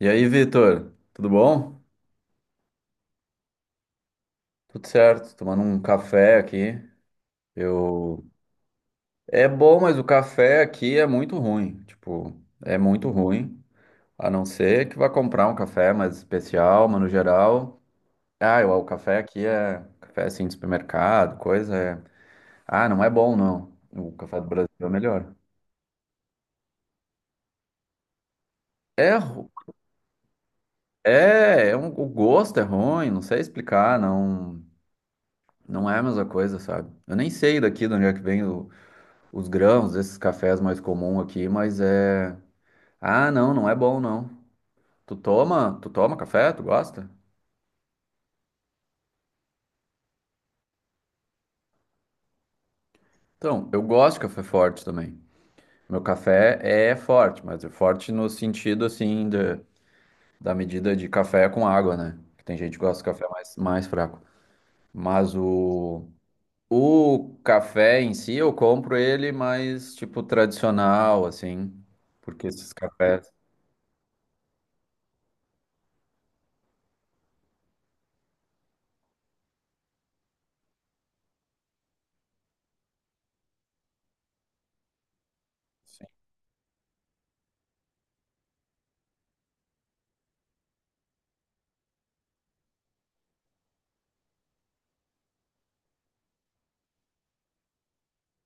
E aí, Vitor, tudo bom? Tudo certo, tomando um café aqui. Eu É bom, mas o café aqui é muito ruim, tipo, é muito ruim. A não ser que vá comprar um café mais especial, mas no geral, ah, o café aqui é café assim de supermercado, coisa é, ah, não é bom não. O café do Brasil é melhor. É, o gosto é ruim, não sei explicar, não, não é a mesma coisa, sabe? Eu nem sei daqui de onde é que vem os grãos, esses cafés mais comuns aqui, mas é. Ah, não, não é bom não. Tu toma café? Tu gosta? Então, eu gosto de café forte também. Meu café é forte, mas é forte no sentido assim da medida de café com água, né? Que tem gente que gosta de café mais fraco. Mas o café em si eu compro ele mais tipo tradicional assim, porque esses cafés.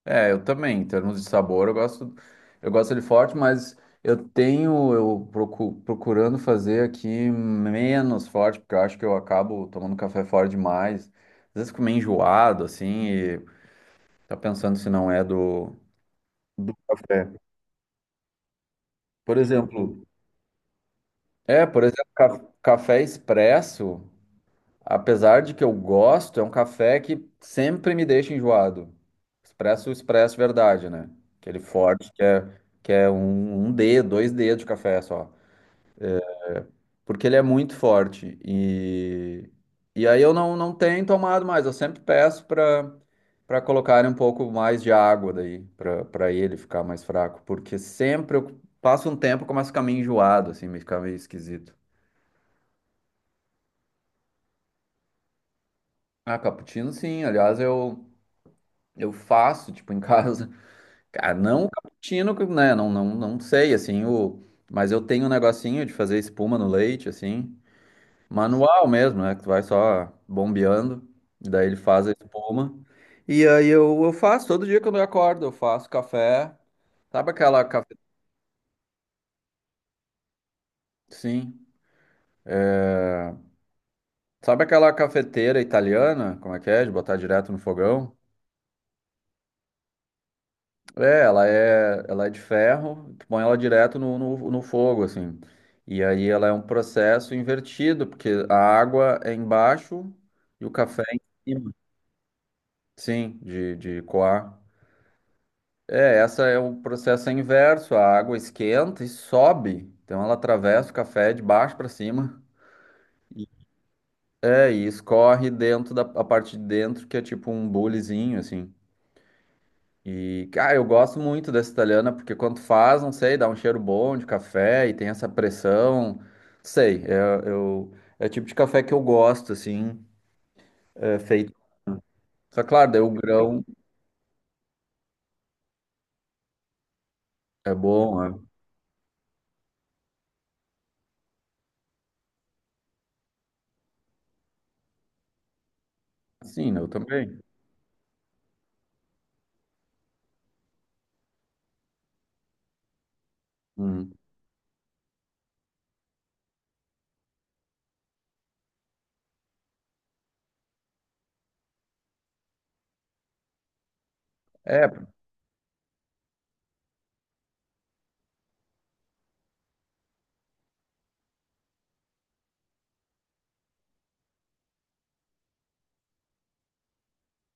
É, eu também, em termos de sabor, eu gosto dele forte, mas eu tenho, eu procu- procurando fazer aqui menos forte, porque eu acho que eu acabo tomando café forte demais. Às vezes fico meio enjoado, assim, e tá pensando se não é do café. Por exemplo, por exemplo, café expresso. Apesar de que eu gosto, é um café que sempre me deixa enjoado. Expresso, expresso, verdade, né? Aquele forte que é um dedo, dois dedos de café só. Porque ele é muito forte. E aí eu não tenho tomado mais. Eu sempre peço para colocarem um pouco mais de água daí, para ele ficar mais fraco. Porque sempre eu passo um tempo e começo a ficar meio enjoado, assim, me fica meio esquisito. Ah, cappuccino sim. Aliás, eu faço, tipo, em casa. Cara, não o cappuccino, né? Não sei, assim, mas eu tenho um negocinho de fazer espuma no leite, assim, manual mesmo, né? Que tu vai só bombeando, e daí ele faz a espuma. E aí eu faço, todo dia quando eu acordo, eu faço café. Sabe aquela cafe... Sim. Sabe aquela cafeteira italiana? Como é que é? De botar direto no fogão? É, ela é de ferro, tu põe ela direto no fogo, assim. E aí ela é um processo invertido, porque a água é embaixo e o café é em cima. Sim, de coar. É, essa é o processo inverso, a água esquenta e sobe. Então ela atravessa o café de baixo para cima. E- É, e escorre dentro da a parte de dentro, que é tipo um bulizinho, assim. E, cara, eu gosto muito dessa italiana, porque quando faz, não sei, dá um cheiro bom de café e tem essa pressão. Sei, eu, é o tipo de café que eu gosto, assim, feito. Só claro, daí o grão é bom, é. Sim, né, eu também. Hum. É,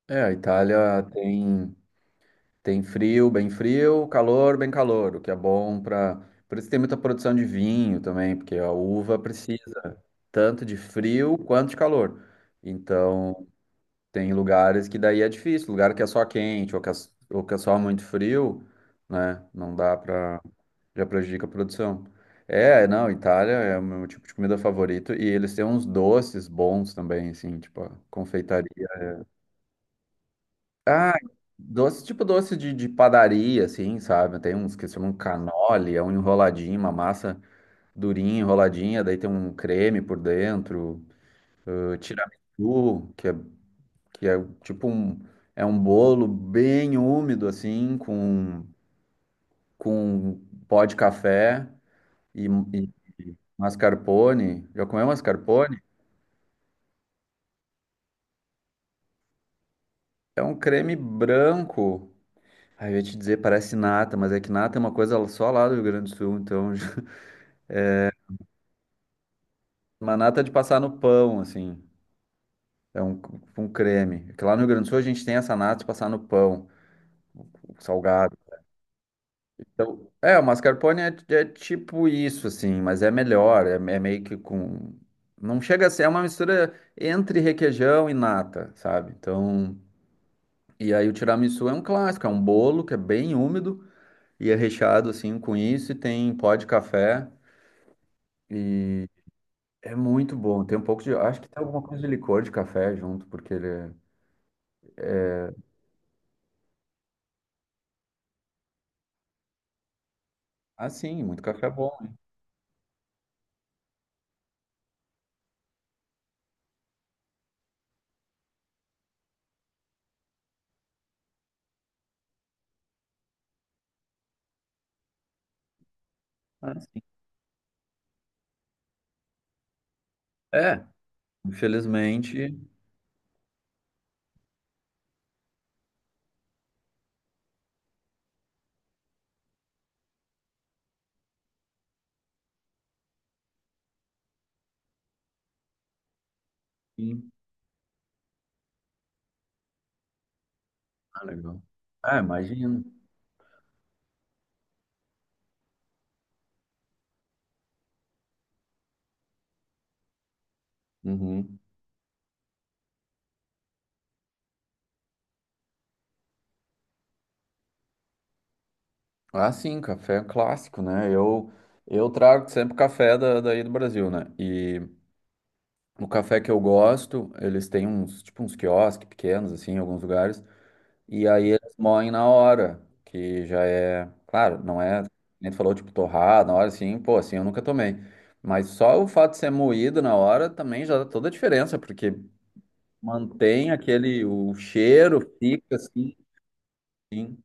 é, a Itália tem, frio, bem frio, calor, bem calor, o que é bom para. Por isso tem muita produção de vinho também, porque a uva precisa tanto de frio quanto de calor. Então. Tem lugares que daí é difícil, lugar que é só quente ou que é só muito frio, né? Não dá pra. Já prejudica a produção. É, não, Itália é o meu tipo de comida favorito e eles têm uns doces bons também, assim, tipo a confeitaria. Ah, doce, tipo doce de padaria, assim, sabe? Tem uns que se chamam cannoli, é um enroladinho, uma massa durinha, enroladinha, daí tem um creme por dentro, o tiramisu, que é tipo um, é um bolo bem úmido assim, com, pó de café e mascarpone. Já comeu mascarpone? É um creme branco. Aí eu ia te dizer, parece nata, mas é que nata é uma coisa só lá do Rio Grande do Sul, então uma nata é de passar no pão, assim. É um creme. Porque lá no Rio Grande do Sul a gente tem essa nata de passar no pão, salgado. Então, o mascarpone é tipo isso, assim, mas é melhor, é meio que com... Não chega a ser, é uma mistura entre requeijão e nata, sabe? Então, e aí o tiramisu é um clássico, é um bolo que é bem úmido e é recheado, assim, com isso e tem pó de café e é muito bom. Tem um pouco de... Acho que tem alguma coisa de licor de café junto, porque ele é... Ah, sim, muito café é bom, né? Ah, sim. É, infelizmente, sim. Ah, legal. Ah, imagino. Uhum. Ah, sim, café é um clássico, né? Eu trago sempre café daí do Brasil, né? E o café que eu gosto, eles têm uns, tipo, uns quiosques pequenos, assim, em alguns lugares. E aí eles moem na hora, que já é, claro, não é, nem tu falou, tipo, torrado, na hora, assim, pô, assim, eu nunca tomei. Mas só o fato de ser moído na hora também já dá toda a diferença, porque mantém aquele, o cheiro fica assim, assim,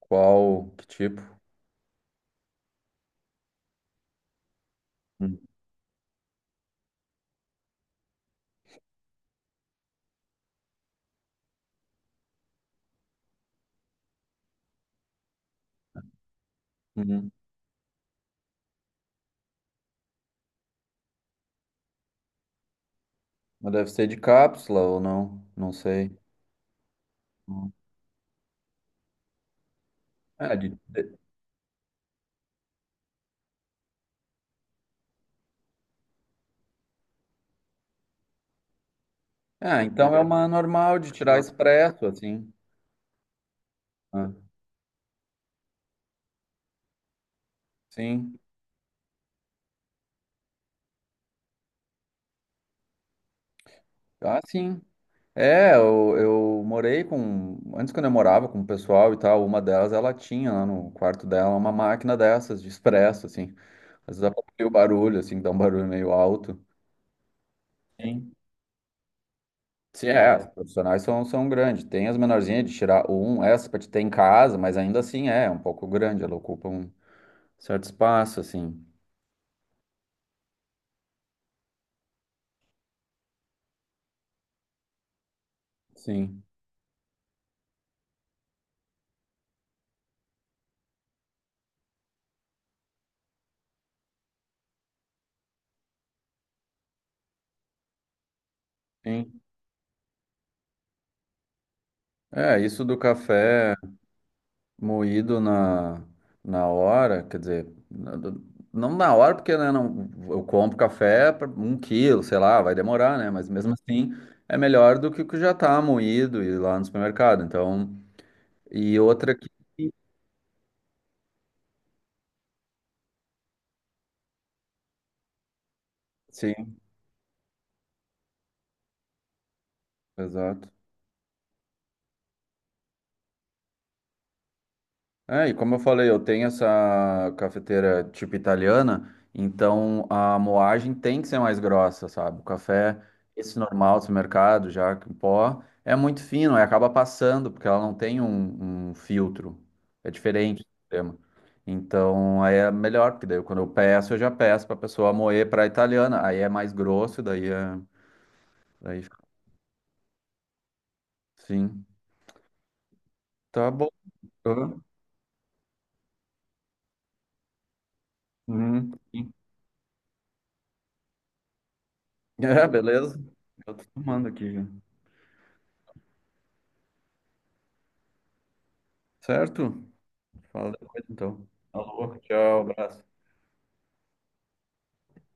qual, que tipo. Uhum. Mas deve ser de cápsula ou não, não sei. Hum. Ah, ah, então é uma normal de tirar expresso, assim. Ah, sim. Ah, sim. É, eu morei com. Antes, quando eu morava com o pessoal e tal, uma delas, ela tinha lá no quarto dela uma máquina dessas de expresso, assim. Às vezes aproveita o barulho, assim, que dá um barulho meio alto. Sim. Sim, é, as profissionais são grandes. Tem as menorzinhas de tirar um, essa pra te ter em casa, mas ainda assim é, um pouco grande, ela ocupa um certo espaço, assim. Sim, sim. É, isso do café moído na hora, quer dizer, não na hora, porque né, não, eu compro café para um quilo, sei lá, vai demorar, né? Mas mesmo assim é melhor do que o que já tá moído e lá no supermercado. Então, e outra que. Sim, exato. É, e como eu falei, eu tenho essa cafeteira tipo italiana, então a moagem tem que ser mais grossa, sabe? O café, esse normal do mercado, já em pó, é muito fino, aí acaba passando, porque ela não tem um, filtro. É diferente o sistema. Então aí é melhor, porque daí quando eu peço, eu já peço pra pessoa moer pra italiana. Aí é mais grosso, daí é. Daí fica assim. Tá bom. Hã? Hum, sim. É, beleza. Eu tô tomando aqui, já. Certo? Fala depois então. Alô, tchau, abraço.